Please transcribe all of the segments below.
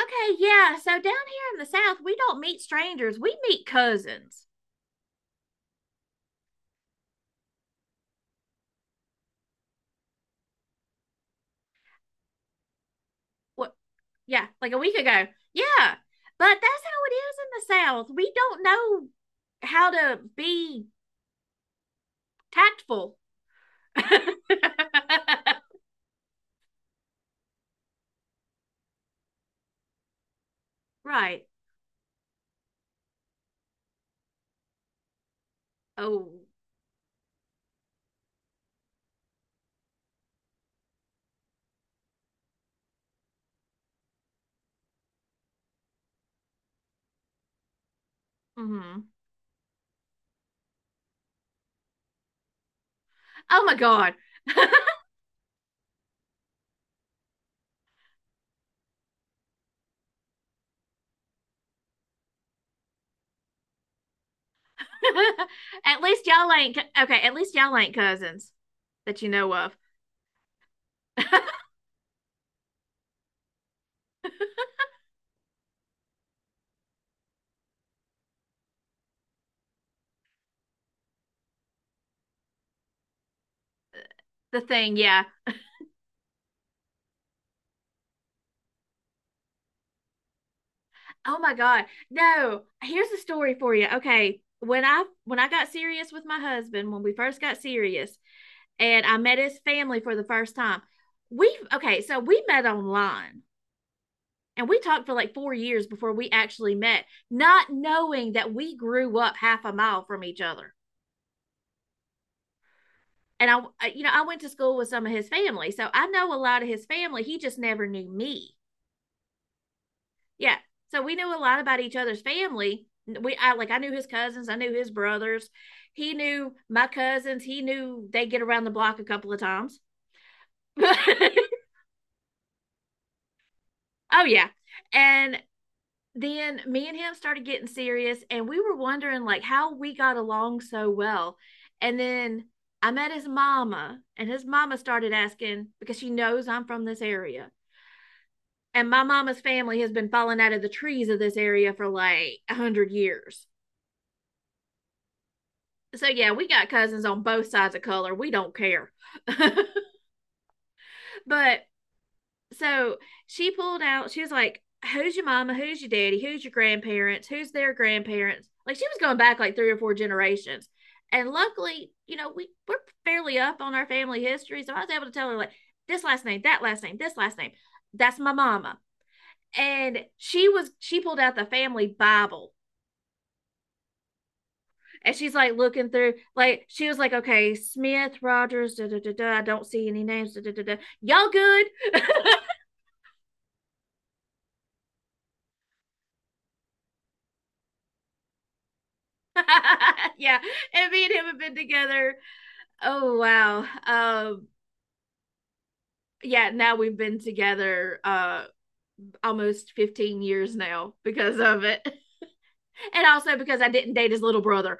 Okay, yeah. So down here in the South, we don't meet strangers. We meet cousins. What? Yeah, like a week ago. Yeah. But that's how it is in the South. We don't know how to be tactful. Right. Oh. Hmm. Oh my God. At least y'all ain't. Okay. At least y'all ain't cousins that you know of. The thing, yeah. Oh my God. No, here's a story for you. Okay. When I got serious with my husband, when we first got serious, and I met his family for the first time, we, okay, so we met online and we talked for like 4 years before we actually met, not knowing that we grew up half a mile from each other. And I went to school with some of his family, so I know a lot of his family. He just never knew me. Yeah. So we knew a lot about each other's family. We I like I knew his cousins, I knew his brothers. He knew my cousins. He knew they get around the block a couple of times. Oh, yeah. And then me and him started getting serious and we were wondering like how we got along so well. And then I met his mama and his mama started asking because she knows I'm from this area. And my mama's family has been falling out of the trees of this area for like 100 years. So yeah, we got cousins on both sides of color. We don't care. But so she pulled out, she was like, "Who's your mama? Who's your daddy? Who's your grandparents? Who's their grandparents?" Like she was going back like three or four generations. And luckily, we're fairly up on our family history. So I was able to tell her like this last name, that last name, this last name. That's my mama. And she pulled out the family Bible. And she's like looking through, like she was like, "Okay, Smith, Rogers, da da da da. I don't see any names. Da, da, da, da. Y'all good?" Yeah. And me and him have been together. Oh wow. Yeah, now we've been together almost 15 years now because of it. And also because I didn't date his little brother.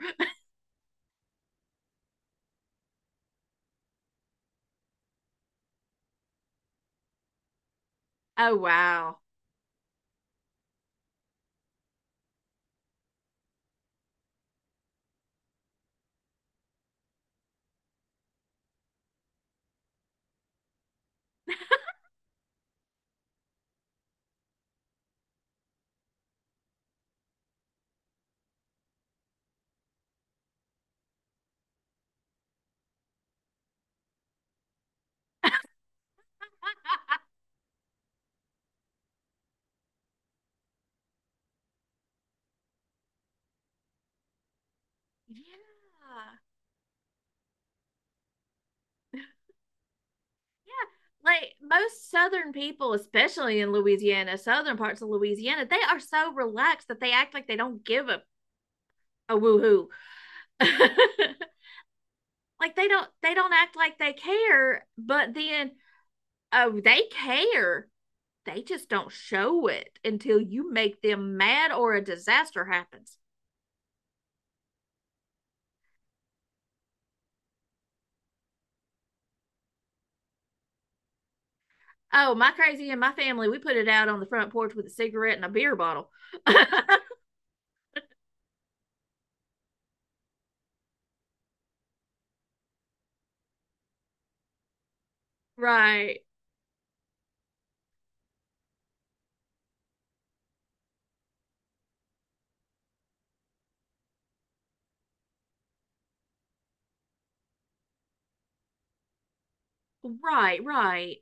Oh wow. Yeah. Yeah, like most Southern people, especially in Louisiana, southern parts of Louisiana, they are so relaxed that they act like they don't give a woohoo. Like they don't act like they care, but then, oh, they care. They just don't show it until you make them mad or a disaster happens. Oh, my crazy, and my family, we put it out on the front porch with a cigarette and a beer bottle. Right, right, right.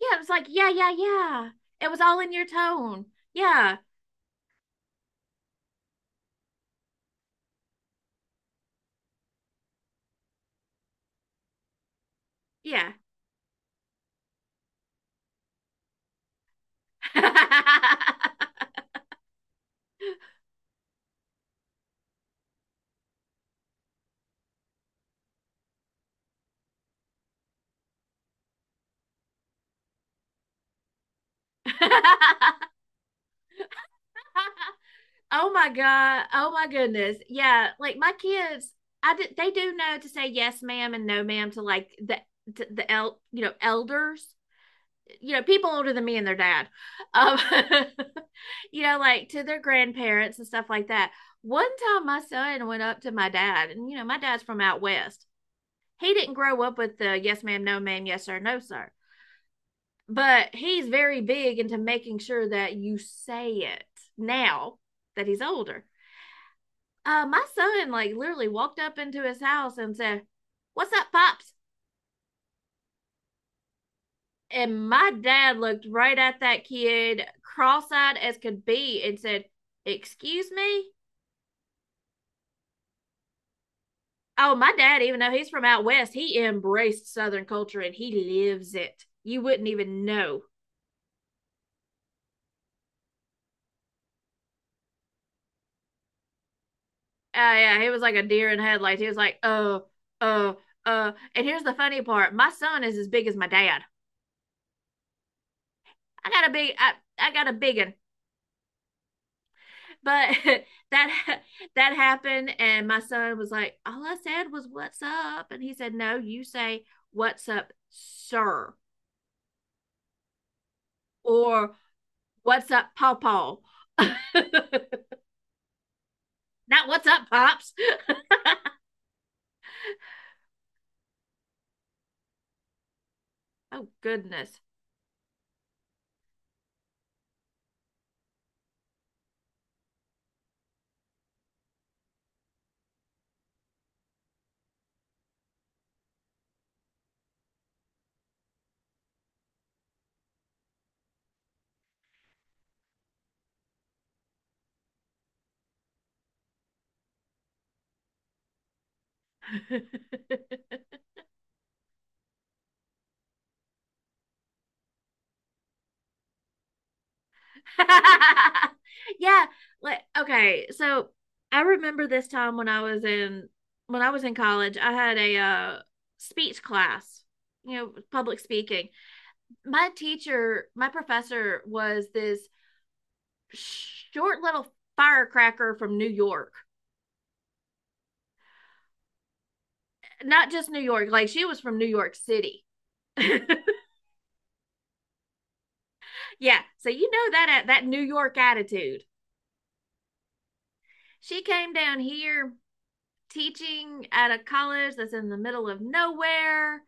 Yeah, it was like, yeah, yeah, yeah. It was all in your tone. Yeah, yeah. Oh my God. Oh my goodness. Yeah, like my kids, I did, they do know to say yes, ma'am, and no, ma'am to like the to the el you know elders, people older than me and their dad, um, like to their grandparents and stuff like that. One time, my son went up to my dad, and you know my dad's from out west, he didn't grow up with the yes ma'am, no ma'am, yes sir, no sir. But he's very big into making sure that you say it now that he's older. My son like literally walked up into his house and said, "What's up, pops?" And my dad looked right at that kid, cross-eyed as could be, and said, "Excuse me." Oh, my dad, even though he's from out west, he embraced Southern culture and he lives it. You wouldn't even know. Oh yeah, he was like a deer in headlights. He was like, oh, oh, oh. And here's the funny part: my son is as big as my dad. I got a big, I, I got a big one. But that that happened, and my son was like, all I said was "What's up," and he said, no, you say "What's up, sir," or "What's up, pawpaw." Not "What's up, pops." Oh goodness. Yeah, like okay, so I remember this time when I was in college, I had a speech class, public speaking. My teacher, my professor was this short little firecracker from New York. Not just New York, like she was from New York City. Yeah, so you know that New York attitude. She came down here teaching at a college that's in the middle of nowhere,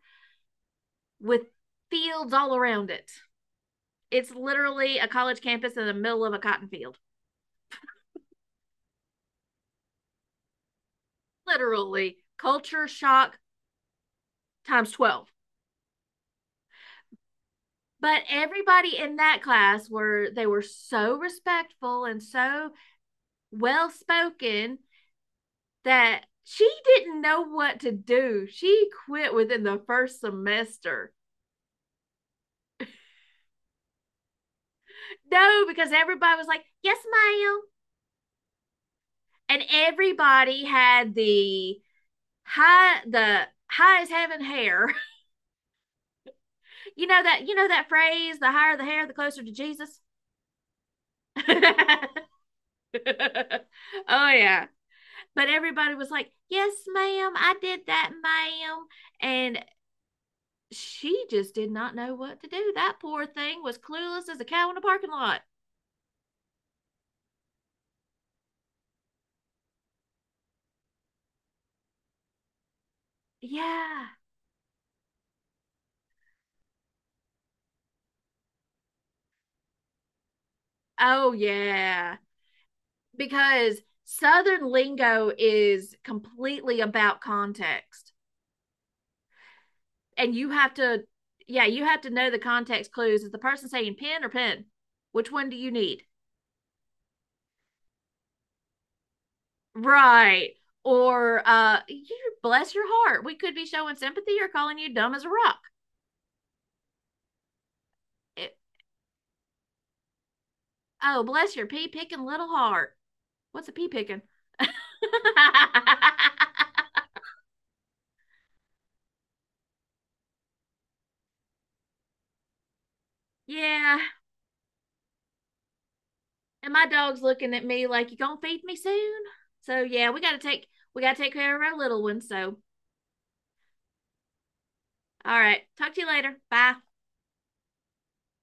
with fields all around it. It's literally a college campus in the middle of a cotton field. Literally, culture shock times 12. But everybody in that class were so respectful and so well spoken that she didn't know what to do. She quit within the first semester. No, because everybody was like, "Yes, ma'am." And everybody had the high as heaven hair. You know that phrase, the higher the hair, the closer to Jesus. Oh, yeah. But everybody was like, "Yes, ma'am, I did that, ma'am." And she just did not know what to do. That poor thing was clueless as a cow in a parking lot. Yeah. Oh yeah. Because Southern lingo is completely about context. And you have to, yeah, you have to know the context clues. Is the person saying pen or pen? Which one do you need? Right. Or you bless your heart. We could be showing sympathy or calling you dumb as a rock. It. Oh, bless your pea picking little heart. What's a pea picking? Yeah. And my dog's looking at me like you gonna feed me soon. So yeah, we gotta take care of our little ones. So all right. Talk to you later. Bye.